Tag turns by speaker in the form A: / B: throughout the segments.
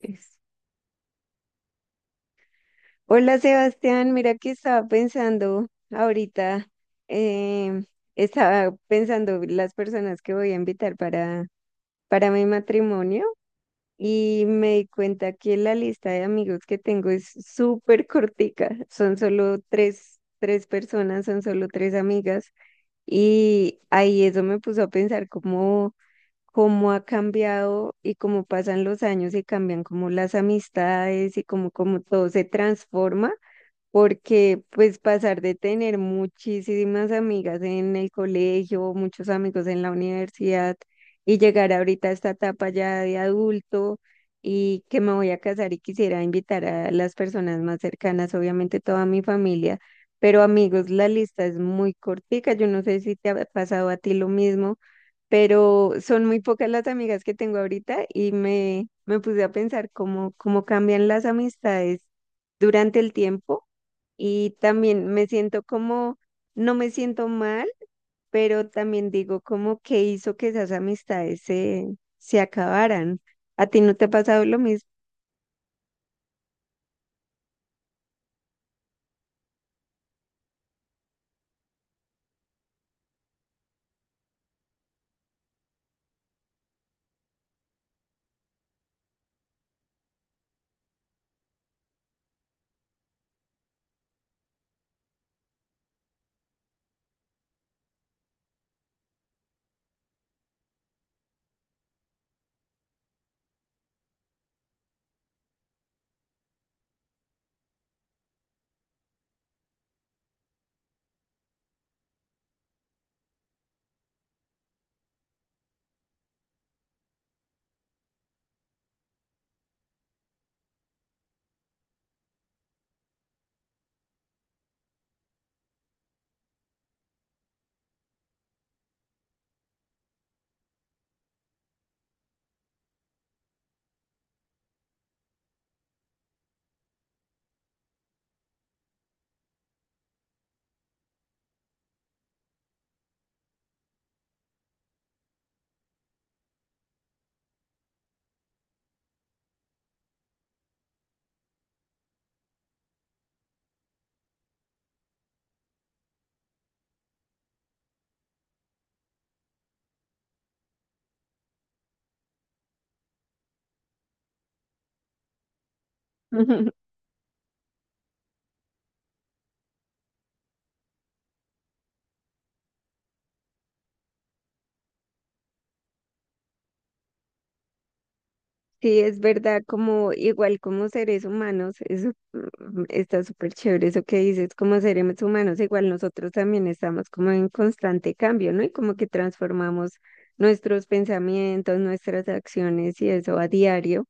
A: Es- Hola Sebastián, mira que estaba pensando ahorita, em, estaba pensando las personas que voy a invitar para mi matrimonio. Y me di cuenta que la lista de amigos que tengo es súper cortica, son solo tres personas, son solo tres amigas. Y ahí eso me puso a pensar cómo ha cambiado y cómo pasan los años y cambian como las amistades y cómo todo se transforma. Porque pues pasar de tener muchísimas amigas en el colegio, muchos amigos en la universidad y llegar ahorita a esta etapa ya de adulto, y que me voy a casar y quisiera invitar a las personas más cercanas, obviamente toda mi familia, pero amigos, la lista es muy cortica. Yo no sé si te ha pasado a ti lo mismo, pero son muy pocas las amigas que tengo ahorita, y me puse a pensar cómo cambian las amistades durante el tiempo. Y también me siento como, no me siento mal, pero también digo como que hizo que esas amistades se acabaran. ¿A ti no te ha pasado lo mismo? Sí, es verdad, como igual como seres humanos, eso está súper chévere eso que dices. Como seres humanos, igual nosotros también estamos como en constante cambio, ¿no? Y como que transformamos nuestros pensamientos, nuestras acciones y eso a diario.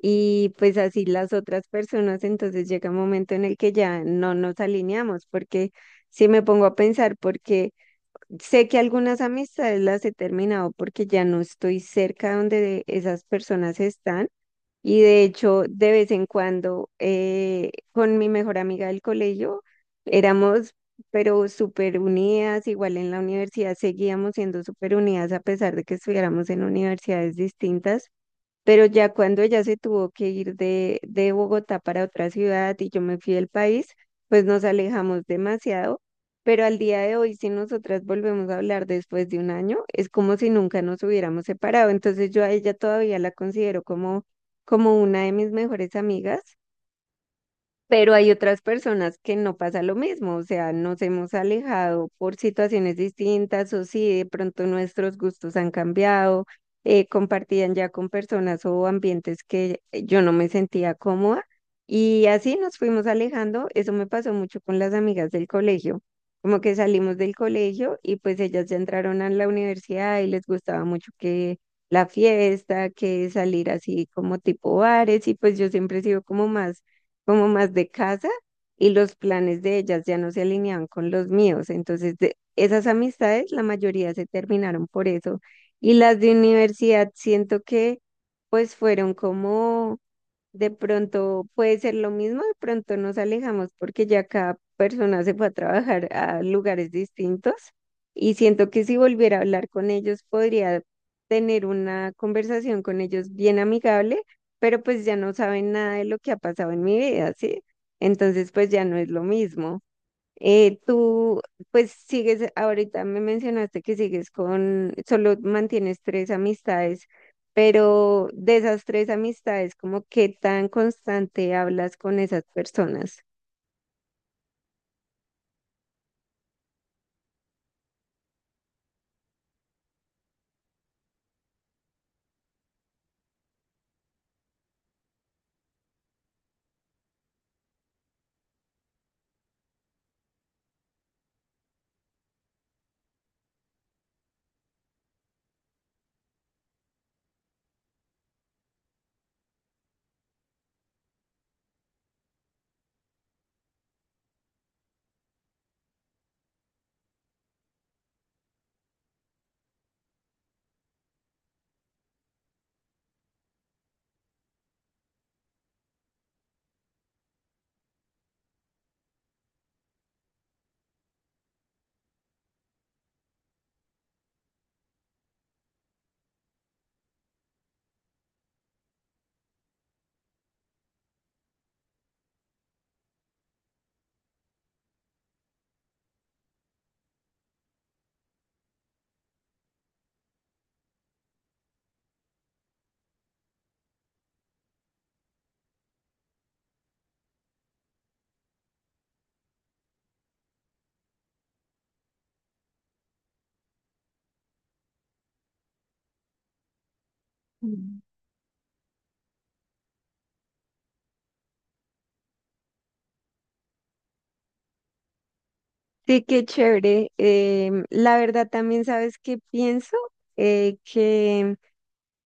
A: Y pues así las otras personas, entonces llega un momento en el que ya no nos alineamos, porque si me pongo a pensar, porque sé que algunas amistades las he terminado porque ya no estoy cerca donde esas personas están. Y de hecho, de vez en cuando, con mi mejor amiga del colegio, éramos, pero súper unidas, igual en la universidad seguíamos siendo súper unidas a pesar de que estuviéramos en universidades distintas. Pero ya cuando ella se tuvo que ir de Bogotá para otra ciudad y yo me fui del país, pues nos alejamos demasiado. Pero al día de hoy, si nosotras volvemos a hablar después de un año, es como si nunca nos hubiéramos separado. Entonces yo a ella todavía la considero como, como una de mis mejores amigas. Pero hay otras personas que no pasa lo mismo, o sea, nos hemos alejado por situaciones distintas, o sí, de pronto nuestros gustos han cambiado, compartían ya con personas o ambientes que yo no me sentía cómoda, y así nos fuimos alejando. Eso me pasó mucho con las amigas del colegio, como que salimos del colegio y pues ellas ya entraron a la universidad y les gustaba mucho que la fiesta, que salir así como tipo bares, y pues yo siempre he sido como más, como más de casa, y los planes de ellas ya no se alineaban con los míos. Entonces, de esas amistades, la mayoría se terminaron por eso. Y las de universidad, siento que pues fueron como, de pronto puede ser lo mismo, de pronto nos alejamos porque ya cada persona se fue a trabajar a lugares distintos, y siento que si volviera a hablar con ellos podría tener una conversación con ellos bien amigable, pero pues ya no saben nada de lo que ha pasado en mi vida, ¿sí? Entonces pues ya no es lo mismo. Eh, tú, pues sigues, ahorita me mencionaste que sigues solo mantienes tres amistades, pero de esas tres amistades, ¿como qué tan constante hablas con esas personas? Mm. Sí, qué chévere. La verdad también sabes que pienso que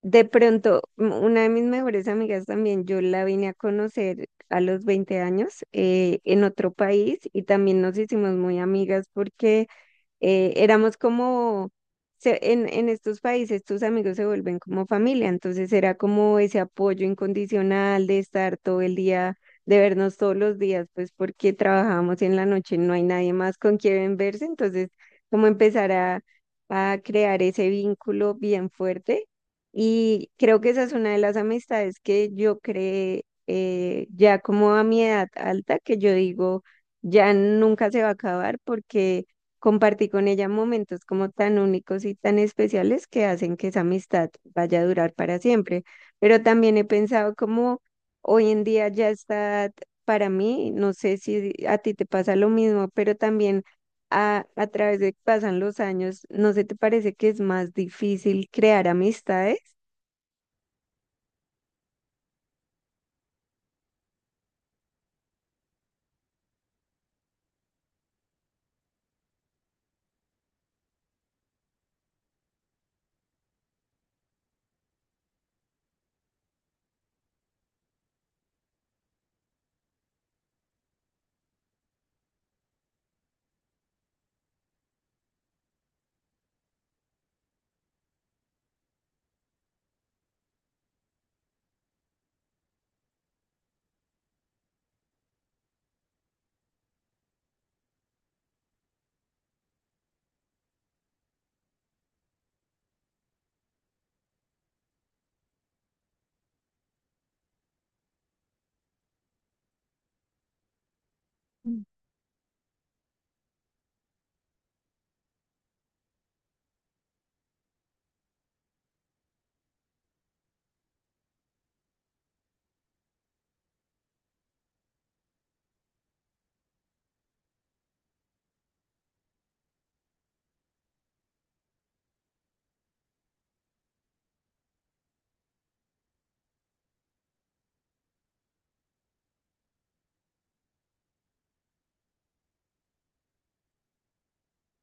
A: de pronto una de mis mejores amigas también, yo la vine a conocer a los 20 años, en otro país, y también nos hicimos muy amigas porque éramos como, en estos países tus amigos se vuelven como familia, entonces era como ese apoyo incondicional de estar todo el día, de vernos todos los días, pues porque trabajábamos en la noche, no hay nadie más con quien verse, entonces como empezar a crear ese vínculo bien fuerte. Y creo que esa es una de las amistades que yo creé, ya como a mi edad alta, que yo digo, ya nunca se va a acabar porque compartí con ella momentos como tan únicos y tan especiales que hacen que esa amistad vaya a durar para siempre. Pero también he pensado como hoy en día ya está, para mí, no sé si a ti te pasa lo mismo, pero también a través de que pasan los años, ¿no se te parece que es más difícil crear amistades?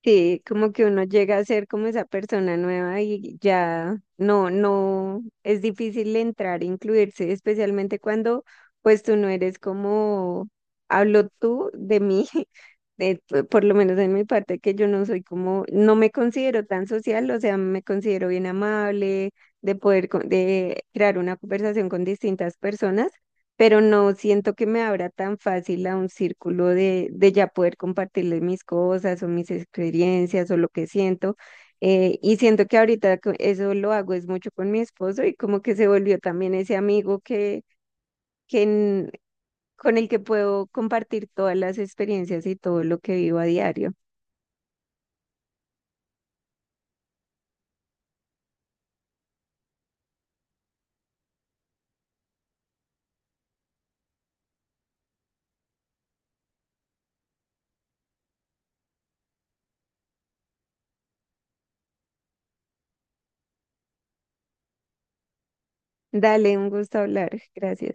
A: Sí, como que uno llega a ser como esa persona nueva y ya no, es difícil entrar, incluirse, especialmente cuando pues tú no eres como, hablo tú de mí, de- por lo menos en mi parte, que yo no soy como, no me considero tan social, o sea, me considero bien amable, de poder, de crear una conversación con distintas personas, pero no siento que me abra tan fácil a un círculo de ya poder compartirle mis cosas o mis experiencias o lo que siento. Y siento que ahorita eso lo hago es mucho con mi esposo, y como que se volvió también ese amigo que en- con el que puedo compartir todas las experiencias y todo lo que vivo a diario. Dale, un gusto hablar. Gracias.